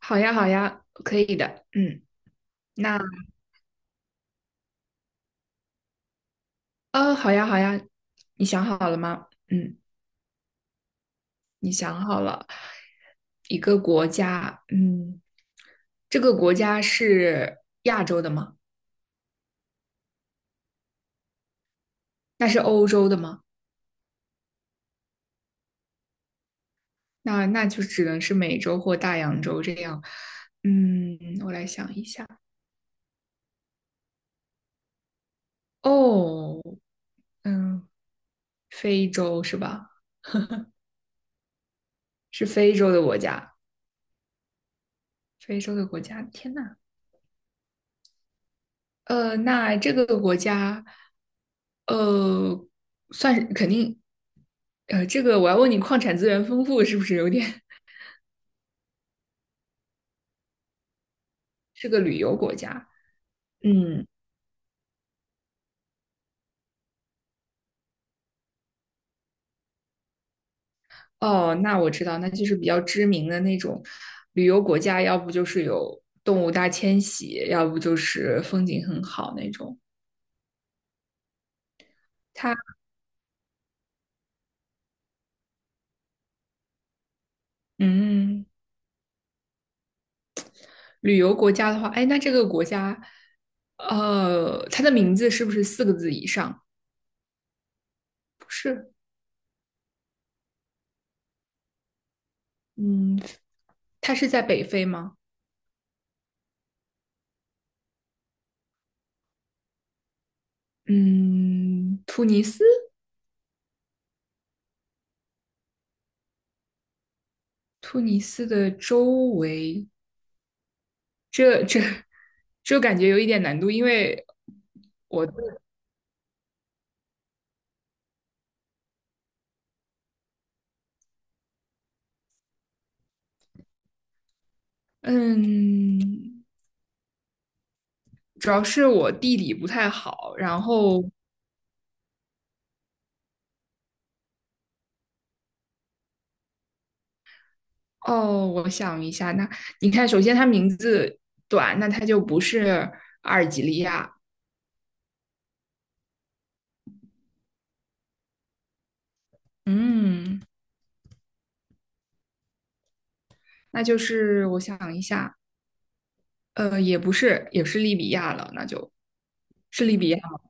好呀，好呀，可以的。嗯，那好呀，好呀，你想好了吗？嗯，你想好了，一个国家，嗯，这个国家是亚洲的吗？那是欧洲的吗？那就只能是美洲或大洋洲这样。嗯，我来想一下。哦，嗯，非洲是吧？是非洲的国家，非洲的国家。天呐，那这个国家呃，算是肯定，这个我要问你，矿产资源丰富是不是有点 是个旅游国家？嗯，哦，那我知道，那就是比较知名的那种旅游国家，要不就是有动物大迁徙，要不就是风景很好那种。它，嗯，旅游国家的话，哎，那这个国家，它的名字是不是四个字以上？不是，嗯，它是在北非吗？嗯，突尼斯。突尼斯的周围，这这感觉有一点难度，因为嗯，主要是我地理不太好。然后哦，我想一下，那你看，首先它名字短，那它就不是阿尔及利亚，嗯，那就是我想一下，也不是，也是利比亚了，那就是利比亚吗。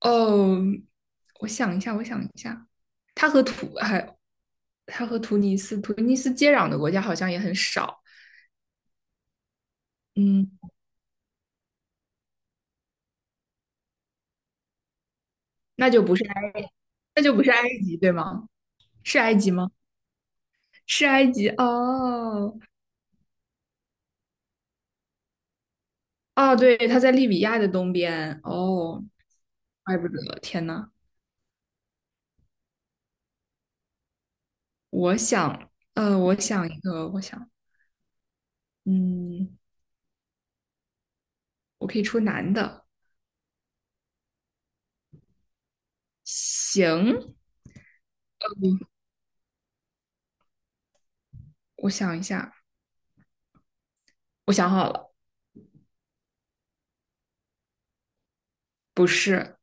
哦，我想一下，我想一下，它和土还它和突尼斯，突尼斯接壤的国家好像也很少。嗯，那就不是埃，那就不是埃及，对吗？是埃及吗？是埃及哦哦，对，它在利比亚的东边哦，怪不得，天呐，我想，嗯，我可以出男的，行，我想一下，我想好了，不是，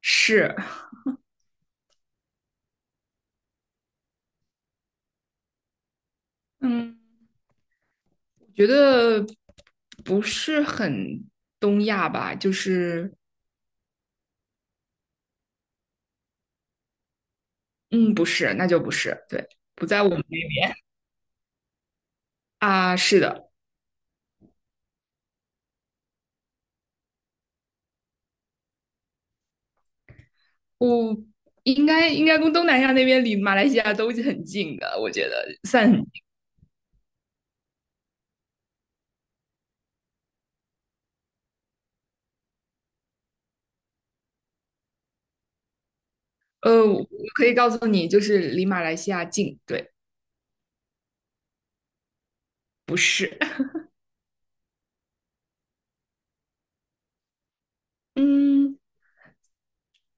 是，嗯，我觉得不是很东亚吧，就是嗯，不是，那就不是，对，不在我们那边啊。是的，我应该跟东南亚那边离马来西亚都是很近的，我觉得算很近我可以告诉你，就是离马来西亚近。对，嗯，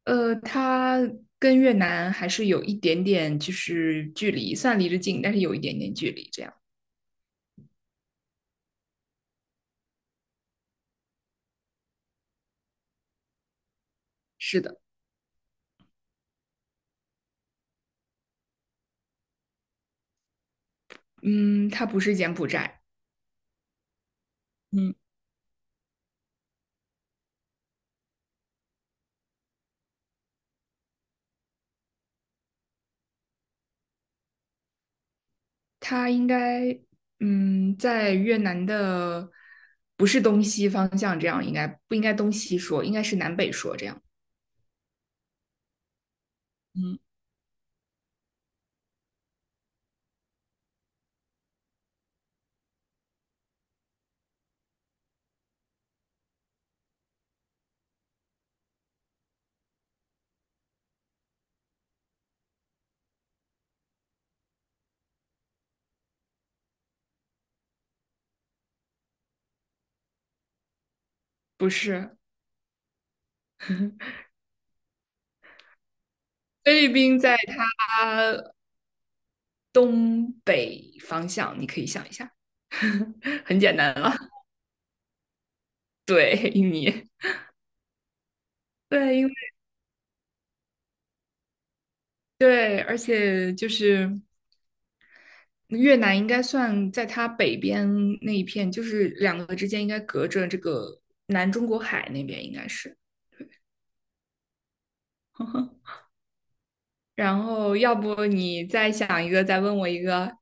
它跟越南还是有一点点就是距离，算离着近，但是有一点点距离。这样，是的，嗯，它不是柬埔寨，嗯。它应该嗯，在越南的不是东西方向，这样应该不应该东西说，应该是南北说这样。嗯，不是，菲律宾在它东北方向，你可以想一下，很简单了。对，印尼，对，因为对，而且就是越南应该算在它北边那一片，就是两个之间应该隔着这个南中国海那边，应该是。然后要不你再想一个，再问我一个。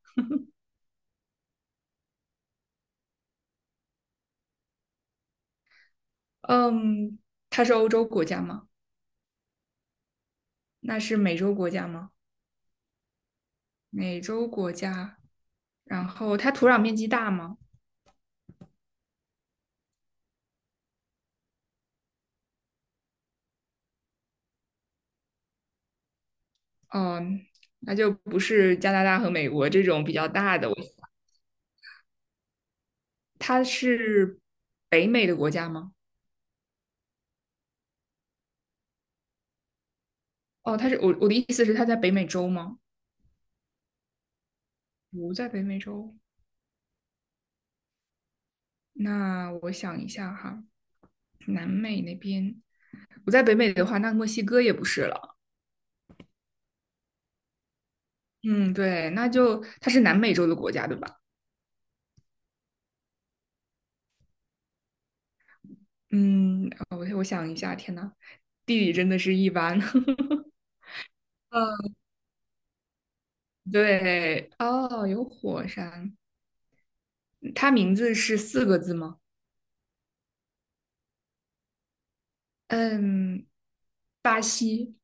嗯，它是欧洲国家吗？那是美洲国家吗？美洲国家。然后它土壤面积大吗？嗯，那就不是加拿大和美国这种比较大的。我它是北美的国家吗？哦，它是我的意思是它在北美洲吗？不在北美洲。那我想一下哈，南美那边不在北美的话，那墨西哥也不是了。嗯，对，那就它是南美洲的国家，对吧？嗯，我想一下，天呐，地理真的是一般。嗯，对，哦，有火山，它名字是四个字吗？嗯，巴西，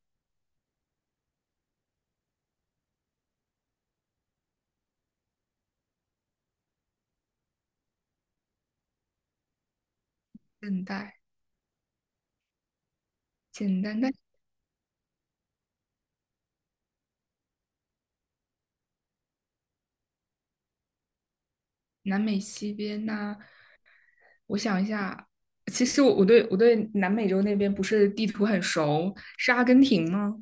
现带，简单的南美西边呐、我想一下，其实我对南美洲那边不是地图很熟，是阿根廷吗？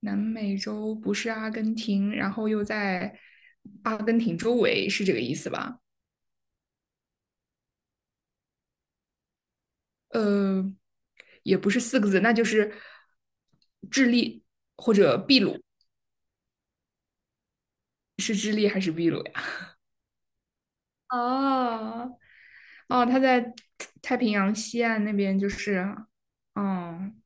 南美洲不是阿根廷，然后又在阿根廷周围，是这个意思吧？呃，也不是四个字，那就是智利或者秘鲁，是智利还是秘鲁呀？哦，哦，他在太平洋西岸那边，就是，嗯，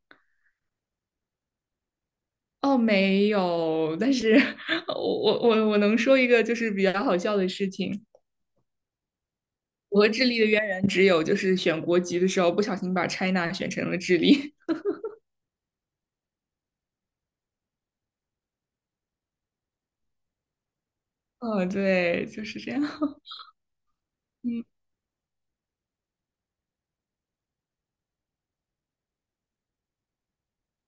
哦，没有，但是 我能说一个就是比较好笑的事情，我和智利的渊源只有就是选国籍的时候不小心把 China 选成了智利。哦，对，就是这样。嗯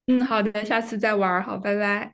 嗯，好的，下次再玩儿，好，拜拜。